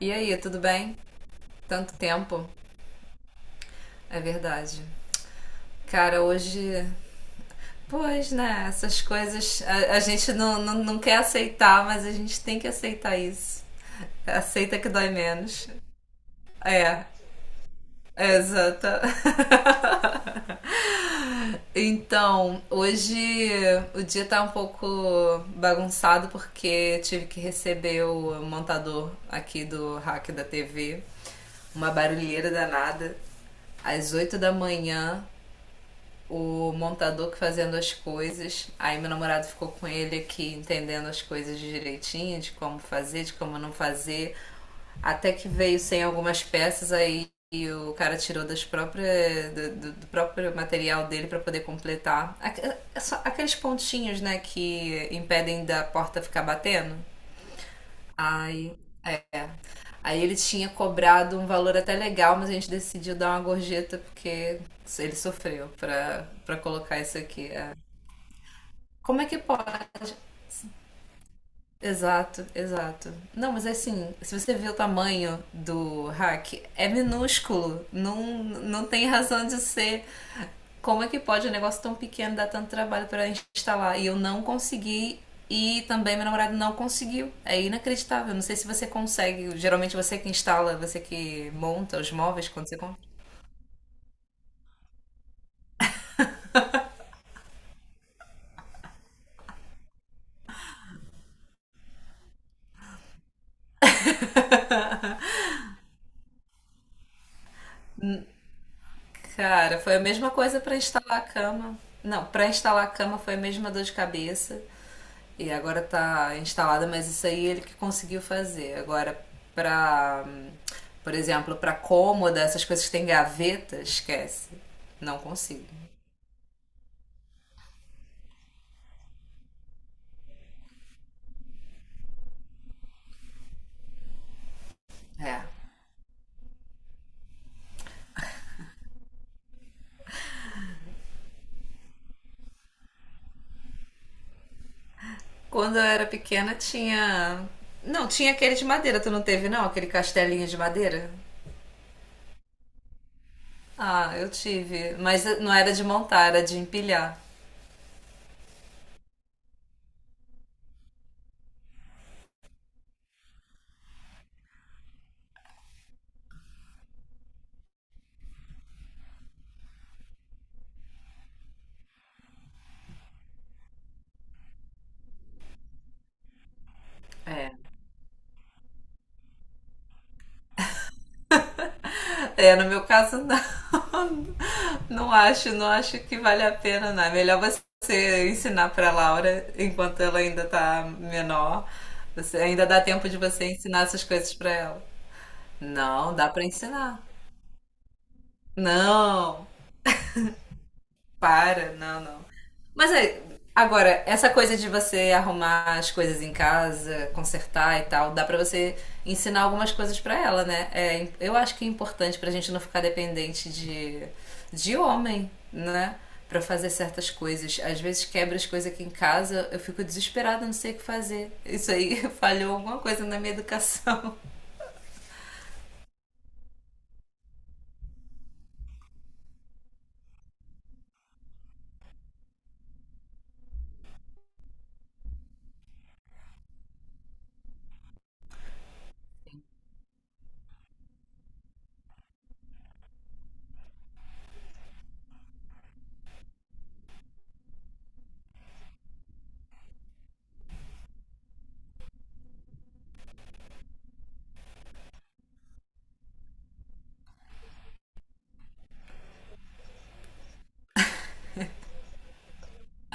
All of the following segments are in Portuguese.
E aí, tudo bem? Tanto tempo, é verdade. Cara, hoje. Pois, né? Essas coisas a gente não, não, não quer aceitar, mas a gente tem que aceitar isso. Aceita que dói menos. É, é exata. Então, hoje o dia tá um pouco bagunçado porque tive que receber o montador aqui do hack da TV, uma barulheira danada, às 8 da manhã, o montador que fazendo as coisas. Aí meu namorado ficou com ele aqui entendendo as coisas direitinho, de como fazer, de como não fazer. Até que veio sem algumas peças aí e o cara tirou das próprias, do próprio material dele para poder completar. É só aqueles pontinhos, né, que impedem da porta ficar batendo. Aí, aí, ele tinha cobrado um valor até legal, mas a gente decidiu dar uma gorjeta porque ele sofreu pra colocar isso aqui. É, como é que pode? Exato, exato. Não, mas é assim, se você vê o tamanho do hack, é minúsculo. Não, não tem razão de ser. Como é que pode um negócio tão pequeno dar tanto trabalho para instalar? E eu não consegui. E também meu namorado não conseguiu. É inacreditável. Não sei se você consegue. Geralmente você que instala, você que monta os móveis quando você compra. Cara, foi a mesma coisa para instalar a cama. Não, para instalar a cama foi a mesma dor de cabeça. E agora tá instalada, mas isso aí ele que conseguiu fazer. Agora, pra, por exemplo, pra cômoda, essas coisas que tem gaveta, esquece. Não consigo. É. Quando eu era pequena tinha. Não, tinha aquele de madeira, tu não teve não? Aquele castelinho de madeira? Ah, eu tive. Mas não era de montar, era de empilhar. É. É, no meu caso não. Não acho, não acho que vale a pena, não. É melhor você ensinar para Laura enquanto ela ainda tá menor. Você ainda dá tempo de você ensinar essas coisas para ela. Não, dá para ensinar. Não. Para, não, não. Mas é, agora, essa coisa de você arrumar as coisas em casa, consertar e tal, dá pra você ensinar algumas coisas pra ela, né? É, eu acho que é importante pra gente não ficar dependente de homem, né? Pra fazer certas coisas. Às vezes quebra as coisas aqui em casa, eu fico desesperada, não sei o que fazer. Isso aí falhou alguma coisa na minha educação.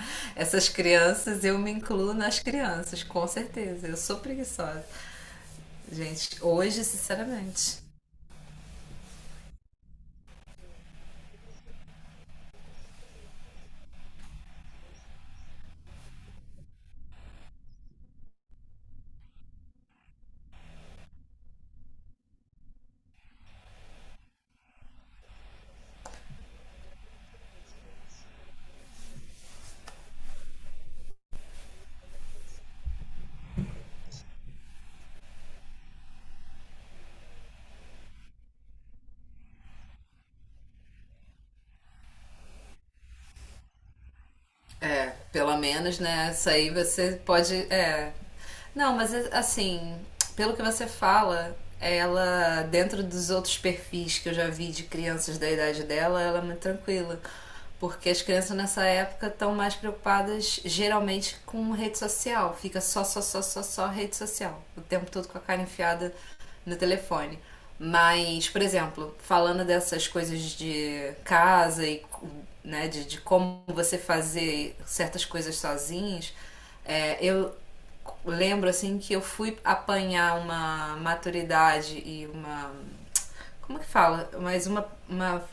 Essas crianças, eu me incluo nas crianças, com certeza. Eu sou preguiçosa. Gente, hoje, sinceramente. É, pelo menos, né? Isso aí você pode. É. Não, mas é, assim, pelo que você fala, ela, dentro dos outros perfis que eu já vi de crianças da idade dela, ela é muito tranquila. Porque as crianças nessa época estão mais preocupadas geralmente com rede social. Fica só, só, só, só, só rede social. O tempo todo com a cara enfiada no telefone. Mas, por exemplo, falando dessas coisas de casa e né, de como você fazer certas coisas sozinhos, é, eu lembro assim que eu fui apanhar uma maturidade e uma como que fala? Mas uma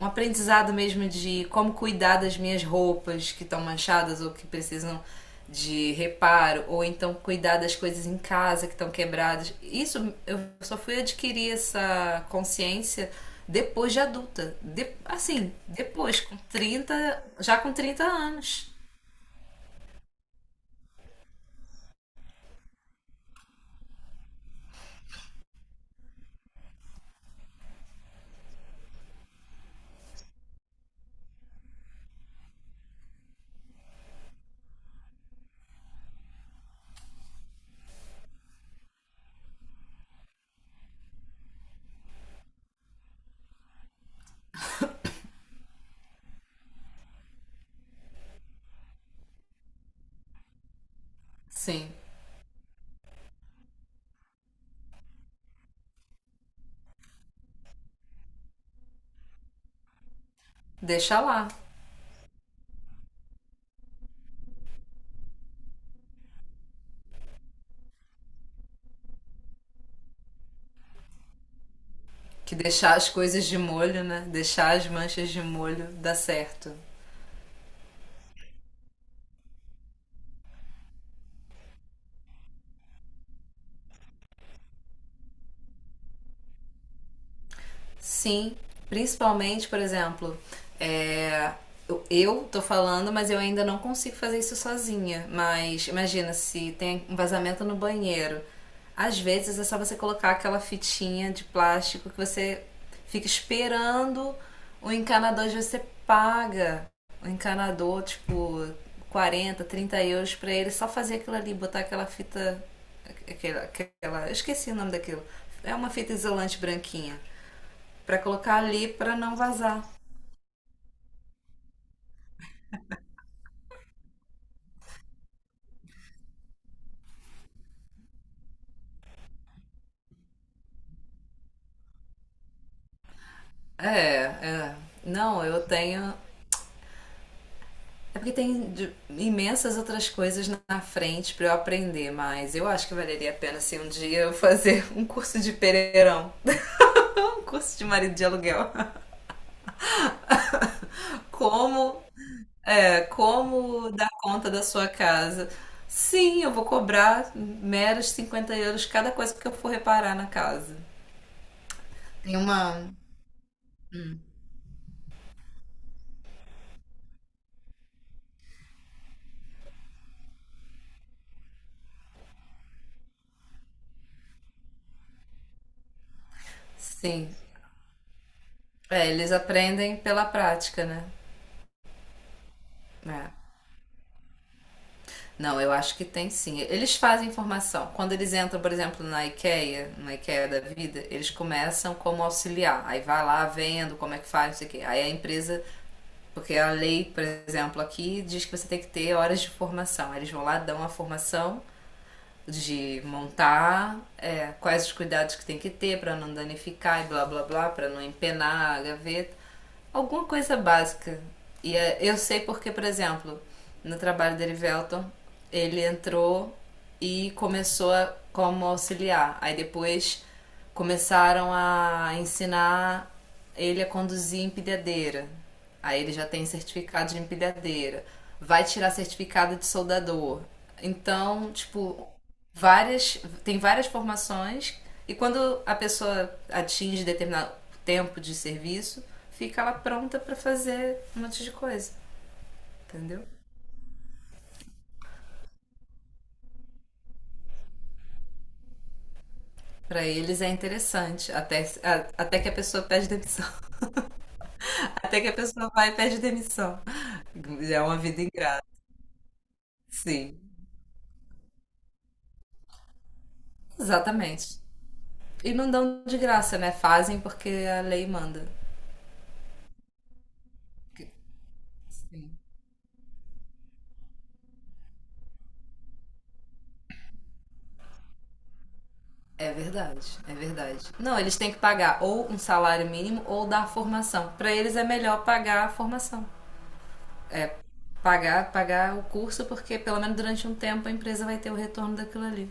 um aprendizado mesmo de como cuidar das minhas roupas que estão manchadas ou que precisam de reparo, ou então cuidar das coisas em casa que estão quebradas. Isso eu só fui adquirir essa consciência depois de adulta. De, assim, depois, com 30 já com 30 anos. Sim, deixa lá. Que deixar as coisas de molho, né? Deixar as manchas de molho dá certo. Sim, principalmente, por exemplo, é, eu tô falando, mas eu ainda não consigo fazer isso sozinha. Mas imagina se tem um vazamento no banheiro. Às vezes é só você colocar aquela fitinha de plástico que você fica esperando o encanador de você paga. O encanador, tipo, 40 30 euros pra ele só fazer aquilo ali, botar aquela fita. Eu esqueci o nome daquilo. É uma fita isolante branquinha. Pra colocar ali pra não vazar. É, é. Não, eu tenho. É porque tem imensas outras coisas na frente pra eu aprender, mas eu acho que valeria a pena se um dia eu fazer um curso de pereirão, um curso de marido de aluguel. Como, é, como dar conta da sua casa. Sim, eu vou cobrar meros 50 euros cada coisa que eu for reparar na casa. Tem uma. Sim. É, eles aprendem pela prática, né? É. Não, eu acho que tem sim. Eles fazem formação. Quando eles entram, por exemplo, na IKEA da vida, eles começam como auxiliar. Aí vai lá vendo como é que faz, não sei o quê. Aí a empresa, porque a lei, por exemplo, aqui diz que você tem que ter horas de formação. Aí eles vão lá, dão a formação de montar, é, quais os cuidados que tem que ter para não danificar e blá blá blá, para não empenar a gaveta, alguma coisa básica. E é, eu sei porque, por exemplo, no trabalho dele, Velton, ele entrou e começou como auxiliar. Aí depois começaram a ensinar ele a conduzir empilhadeira. Aí ele já tem certificado de empilhadeira. Vai tirar certificado de soldador. Então, tipo, várias, tem várias formações e quando a pessoa atinge determinado tempo de serviço, fica ela pronta para fazer um monte de coisa, entendeu? Pra eles é interessante, até, até que a pessoa pede demissão. Até que a pessoa vai e pede demissão. É uma vida ingrata. Sim. Exatamente. E não dão de graça, né? Fazem porque a lei manda. Sim. É verdade, é verdade. Não, eles têm que pagar ou um salário mínimo ou dar formação. Pra eles é melhor pagar a formação. Pagar, pagar o curso, porque pelo menos durante um tempo a empresa vai ter o retorno daquilo ali.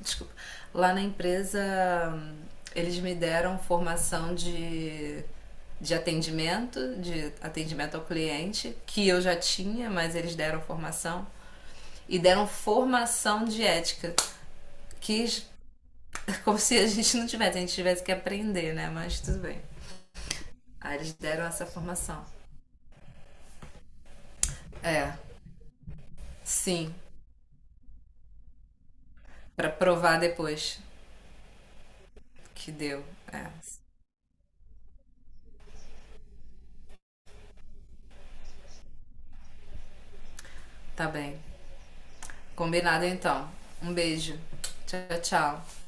Desculpa. Lá na empresa, eles me deram formação de de atendimento ao cliente, que eu já tinha, mas eles deram formação. E deram formação de ética. Que, como se a gente não tivesse, a gente tivesse que aprender, né? Mas tudo bem. Aí eles deram essa formação. É, sim, pra provar depois que deu. É, tá bem. Combinado então. Um beijo. Tchau, tchau.